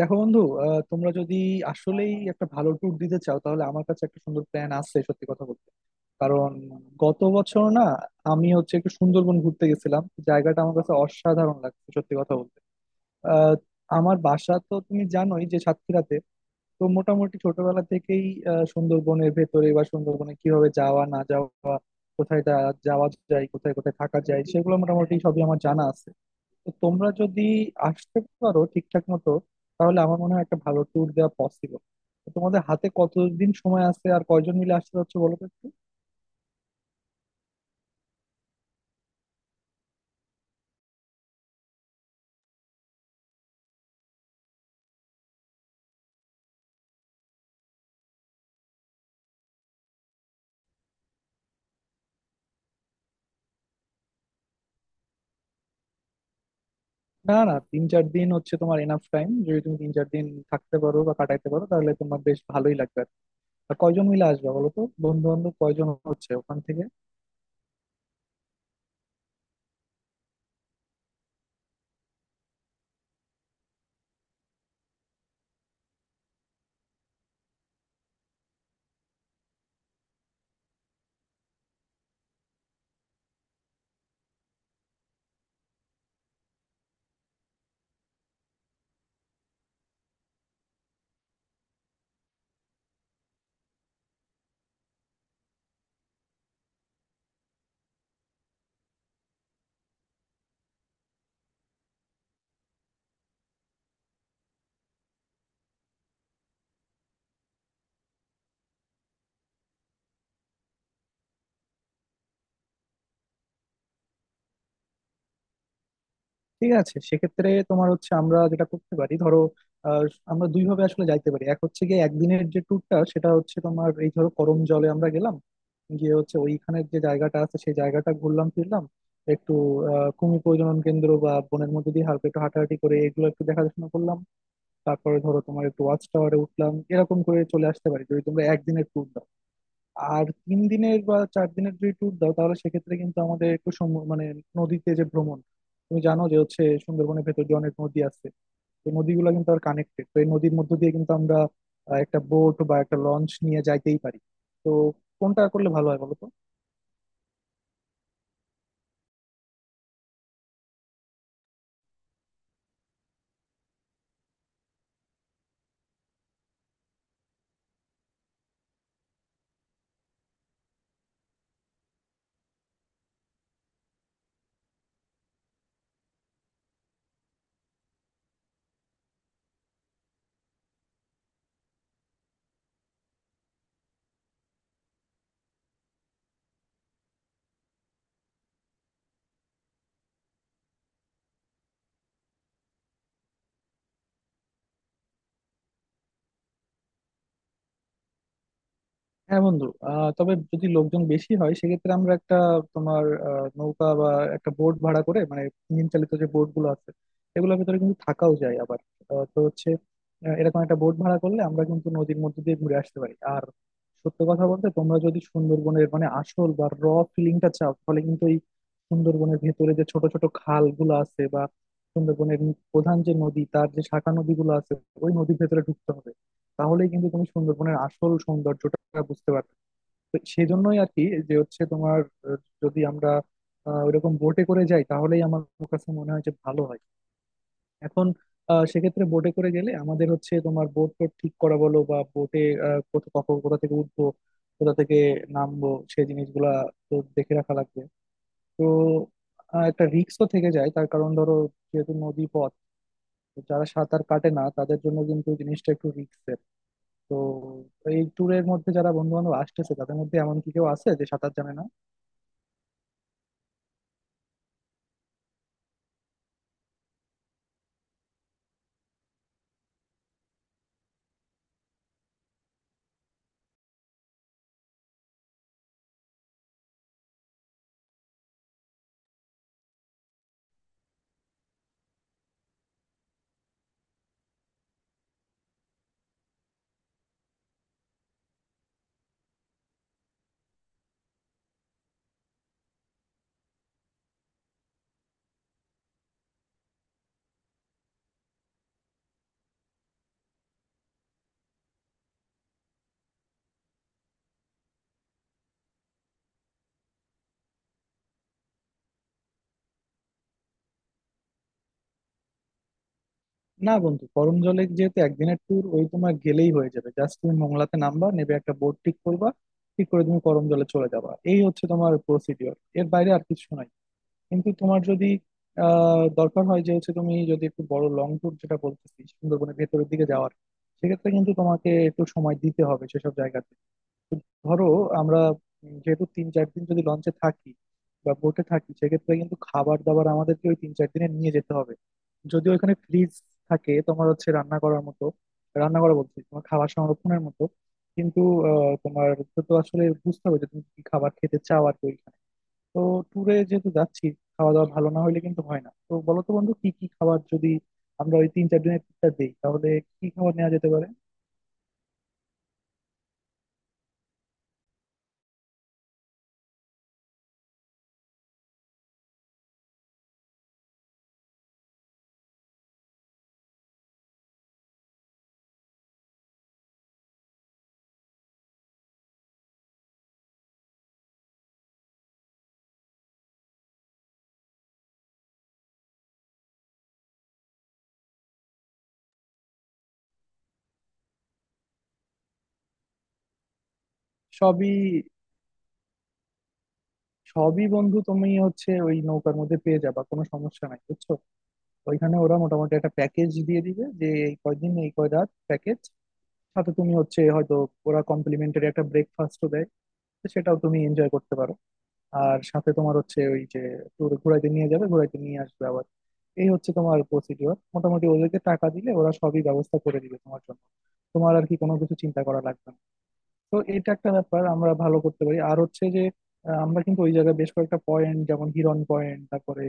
দেখো বন্ধু তোমরা যদি আসলেই একটা ভালো ট্যুর দিতে চাও তাহলে আমার কাছে একটা সুন্দর প্ল্যান আছে, সত্যি কথা বলতে। কারণ গত বছর না আমি হচ্ছে একটু সুন্দরবন ঘুরতে গেছিলাম। জায়গাটা আমার কাছে অসাধারণ লাগছে, সত্যি কথা বলতে। আহ, আমার বাসা তো তুমি জানোই যে সাতক্ষীরাতে। তো মোটামুটি ছোটবেলা থেকেই সুন্দরবনের ভেতরে বা সুন্দরবনে কিভাবে যাওয়া না যাওয়া, কোথায় যাওয়া যায়, কোথায় কোথায় থাকা যায় সেগুলো মোটামুটি সবই আমার জানা আছে। তো তোমরা যদি আসতে পারো ঠিকঠাক মতো তাহলে আমার মনে হয় একটা ভালো ট্যুর দেওয়া পসিবল। তোমাদের হাতে কতদিন সময় আছে আর কয়জন মিলে আসতে হচ্ছে বলো তো একটু? না না, তিন চার দিন হচ্ছে তোমার এনাফ টাইম। যদি তুমি তিন চার দিন থাকতে পারো বা কাটাইতে পারো তাহলে তোমার বেশ ভালোই লাগবে। আর কয়জন মিলে আসবে বলো তো, বন্ধু বান্ধব কয়জন হচ্ছে ওখান থেকে? ঠিক আছে, সেক্ষেত্রে তোমার হচ্ছে আমরা যেটা করতে পারি, ধরো আহ, আমরা দুই ভাবে আসলে যাইতে পারি। এক হচ্ছে গিয়ে একদিনের যে ট্যুরটা, সেটা হচ্ছে তোমার, এই ধরো, করম জলে আমরা গেলাম, গিয়ে হচ্ছে ওইখানের যে জায়গাটা আছে সেই জায়গাটা ঘুরলাম ফিরলাম, একটু কুমির প্রজনন কেন্দ্র বা বনের মধ্যে দিয়ে হালকা একটু হাঁটাহাঁটি করে এগুলো একটু দেখাশোনা করলাম। তারপরে ধরো তোমার একটু ওয়াচ টাওয়ারে উঠলাম, এরকম করে চলে আসতে পারি যদি তোমরা একদিনের ট্যুর দাও। আর তিন দিনের বা চার দিনের যদি ট্যুর দাও তাহলে সেক্ষেত্রে কিন্তু আমাদের একটু মানে নদীতে যে ভ্রমণ, তুমি জানো যে হচ্ছে সুন্দরবনের ভেতর যে অনেক নদী আছে, তো নদীগুলো কিন্তু আর কানেক্টেড। তো এই নদীর মধ্য দিয়ে কিন্তু আমরা একটা বোট বা একটা লঞ্চ নিয়ে যাইতেই পারি। তো কোনটা করলে ভালো হয় বলো তো? হ্যাঁ বন্ধু, তবে যদি লোকজন বেশি হয় সেক্ষেত্রে আমরা একটা, তোমার নৌকা বা একটা বোট ভাড়া করে, মানে ইঞ্জিন চালিত যে বোট গুলো আছে এগুলোর ভিতরে কিন্তু থাকাও যায় আবার। তো হচ্ছে এরকম একটা বোট ভাড়া করলে আমরা কিন্তু নদীর মধ্যে দিয়ে ঘুরে আসতে পারি। আর সত্য কথা বলতে তোমরা যদি সুন্দরবনের, মানে আসল বা র ফিলিংটা চাও, তাহলে কিন্তু এই সুন্দরবনের ভেতরে যে ছোট ছোট খাল গুলো আছে বা সুন্দরবনের প্রধান যে নদী, তার যে শাখা নদীগুলো আছে, ওই নদীর ভেতরে ঢুকতে হবে। তাহলেই কিন্তু তুমি সুন্দরবনের আসল সৌন্দর্যটা বুঝতে পারবে। তো সেই জন্যই আর কি, যে হচ্ছে তোমার আহ, যদি আমরা ওইরকম বোটে করে যাই তাহলেই আমার কাছে মনে হয় যে ভালো হয়। এখন সেক্ষেত্রে বোটে করে গেলে আমাদের হচ্ছে তোমার বোট টোট ঠিক করা বলো বা বোটে কোথা কখন কোথা থেকে উঠবো, কোথা থেকে নামবো, সেই জিনিসগুলা তো দেখে রাখা লাগবে। তো একটা রিস্কও থেকে যায়, তার কারণ ধরো যেহেতু নদী পথ, যারা সাঁতার কাটে না তাদের জন্য কিন্তু জিনিসটা একটু রিস্ক। তো এই ট্যুরের মধ্যে যারা বন্ধু বান্ধব আসতেছে তাদের মধ্যে এমন কি কেউ আছে যে সাঁতার জানে না? না বন্ধু, গরম জলে যেহেতু একদিনের ট্যুর, ওই তোমার গেলেই হয়ে যাবে। জাস্ট তুমি মোংলাতে নামবা, নেবে একটা বোট ঠিক করবা, ঠিক করে তুমি গরম জলে চলে যাবা। এই হচ্ছে তোমার প্রসিডিওর, এর বাইরে আর কিছু নাই। কিন্তু তোমার যদি দরকার হয় যে হচ্ছে তুমি যদি একটু বড় লং ট্যুর, যেটা বলতেছি সুন্দরবনের ভেতরের দিকে যাওয়ার, সেক্ষেত্রে কিন্তু তোমাকে একটু সময় দিতে হবে সেসব জায়গাতে। ধরো আমরা যেহেতু তিন চার দিন যদি লঞ্চে থাকি বা বোটে থাকি সেক্ষেত্রে কিন্তু খাবার দাবার আমাদেরকে ওই তিন চার দিনে নিয়ে যেতে হবে। যদি ওইখানে ফ্রিজ থাকে তোমার হচ্ছে রান্না করার মতো, রান্না করা বলছি তোমার খাবার সংরক্ষণের মতো। কিন্তু তোমার তো তো আসলে বুঝতে হবে যে তুমি কি খাবার খেতে চাও আর কি ওইখানে। তো ট্যুরে যেহেতু যাচ্ছি, খাওয়া দাওয়া ভালো না হইলে কিন্তু হয় না। তো বলো তো বন্ধু, কি কি খাবার যদি আমরা ওই তিন চার দিনের ট্যুরটা দিই তাহলে কি খাবার নেওয়া যেতে পারে? সবই সবই বন্ধু তুমি হচ্ছে ওই নৌকার মধ্যে পেয়ে যাবা, কোনো সমস্যা নাই, বুঝছো। ওইখানে ওরা মোটামুটি একটা প্যাকেজ দিয়ে দিবে যে এই কয়দিন এই কয় রাত প্যাকেজ। সাথে তুমি হচ্ছে হয়তো, ওরা কমপ্লিমেন্টারি একটা ব্রেকফাস্টও দেয়, তো সেটাও তুমি এনজয় করতে পারো। আর সাথে তোমার হচ্ছে ওই যে tour ঘুরাইতে নিয়ে যাবে, ঘুরাইতে নিয়ে আসবে আবার। এই হচ্ছে তোমার প্রসিডিওর, মোটামুটি ওদেরকে টাকা দিলে ওরা সবই ব্যবস্থা করে দিবে তোমার জন্য, তোমার আর কি কোনো কিছু চিন্তা করা লাগবে না। তো এটা একটা ব্যাপার আমরা ভালো করতে পারি। আর হচ্ছে যে আমরা কিন্তু ওই জায়গায় বেশ কয়েকটা পয়েন্ট, যেমন হিরন পয়েন্ট, তারপরে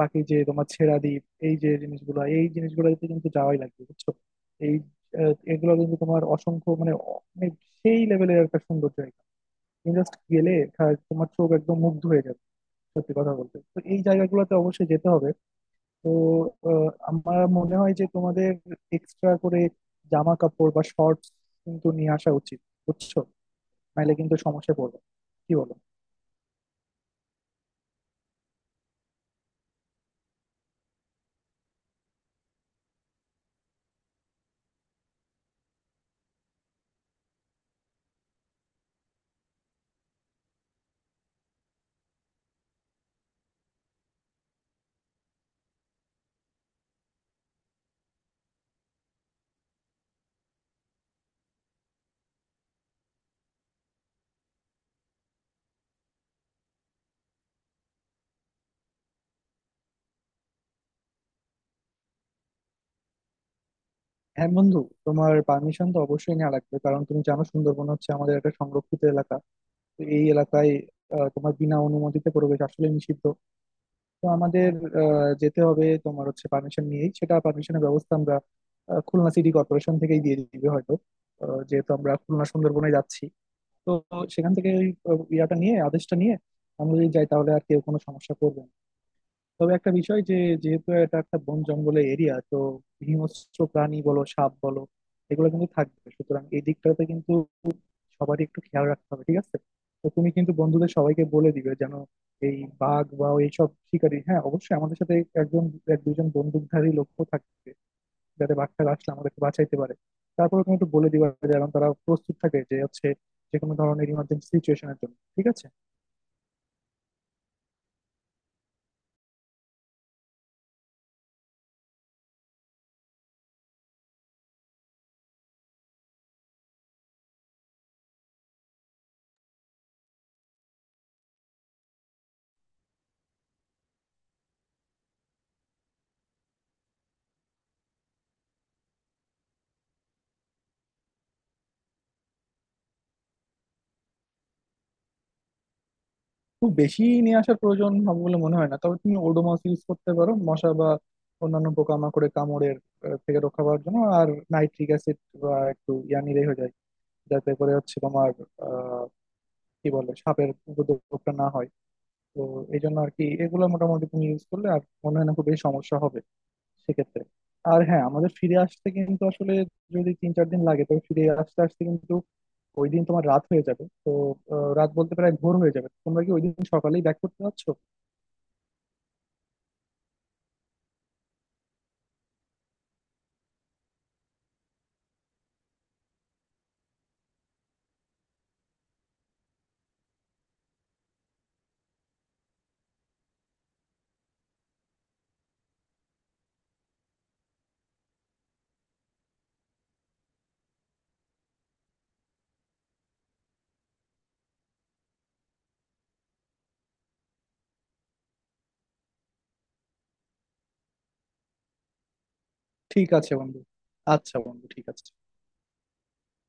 বাকি যে তোমার ছেড়া দ্বীপ, এই যে জিনিসগুলো, এই জিনিসগুলোতে কিন্তু যাওয়াই লাগবে, বুঝছো। এই এগুলো কিন্তু তোমার অসংখ্য, মানে মানে সেই লেভেলের একটা সুন্দর জায়গা। তুমি জাস্ট গেলে তোমার চোখ একদম মুগ্ধ হয়ে যাবে, সত্যি কথা বলতে। তো এই জায়গাগুলোতে অবশ্যই যেতে হবে। তো আমার মনে হয় যে তোমাদের এক্সট্রা করে জামা কাপড় বা শর্টস কিন্তু নিয়ে আসা উচিত, বুঝছো, নাহলে কিন্তু সমস্যায় পড়বে। কি বলো? হ্যাঁ বন্ধু, তোমার পারমিশন তো অবশ্যই নেওয়া লাগবে, কারণ তুমি জানো সুন্দরবন হচ্ছে আমাদের একটা সংরক্ষিত এলাকা। তো এই এলাকায় তোমার বিনা অনুমতিতে প্রবেশ আসলে নিষিদ্ধ। তো আমাদের যেতে হবে তোমার হচ্ছে পারমিশন নিয়েই। সেটা পারমিশনের ব্যবস্থা আমরা খুলনা সিটি কর্পোরেশন থেকেই দিয়ে দিবে হয়তো, যেহেতু আমরা খুলনা সুন্দরবনে যাচ্ছি। তো সেখান থেকে ওই ইয়াটা নিয়ে, আদেশটা নিয়ে আমরা যদি যাই তাহলে আর কেউ কোনো সমস্যা করবে না। তবে একটা বিষয় যে, যেহেতু এটা একটা বন জঙ্গলের এরিয়া, তো হিংস্র প্রাণী বলো, সাপ বলো, এগুলো কিন্তু থাকবে। সুতরাং এই দিকটাতে কিন্তু সবারই একটু খেয়াল রাখতে হবে, ঠিক আছে? তো তুমি কিন্তু বন্ধুদের সবাইকে বলে দিবে যেন এই বাঘ বা এইসব শিকারী, হ্যাঁ অবশ্যই আমাদের সাথে একজন, এক দুজন বন্দুকধারী লোকও থাকবে যাতে বাঘটা আসলে আমাদেরকে বাঁচাইতে পারে। তারপরে তুমি একটু বলে দিবা যেন তারা প্রস্তুত থাকে যে হচ্ছে যে কোনো ধরনের ইমার্জেন্সি সিচুয়েশনের জন্য, ঠিক আছে? খুব বেশি নিয়ে আসার প্রয়োজন হবে বলে মনে হয় না, তবে তুমি ওডোমস ইউজ করতে পারো মশা বা অন্যান্য পোকামাকড়ে কামড়ের থেকে রক্ষা পাওয়ার জন্য। আর নাইট্রিক অ্যাসিড বা একটু ইয়া নিলেই হয়ে যায় যাতে করে হচ্ছে তোমার আহ কি বলে সাপের উপদ্রবটা না হয়। তো এই জন্য আর কি, এগুলো মোটামুটি তুমি ইউজ করলে আর মনে হয় না খুব বেশি সমস্যা হবে সেক্ষেত্রে। আর হ্যাঁ, আমাদের ফিরে আসতে কিন্তু আসলে যদি তিন চার দিন লাগে তবে ফিরে আসতে আসতে কিন্তু ওই দিন তোমার রাত হয়ে যাবে। তো রাত বলতে প্রায় ভোর হয়ে যাবে, তোমরা কি ওই দিন সকালেই ব্যাক করতে পারছো? ঠিক আছে বন্ধু। আচ্ছা বন্ধু, ঠিক আছে।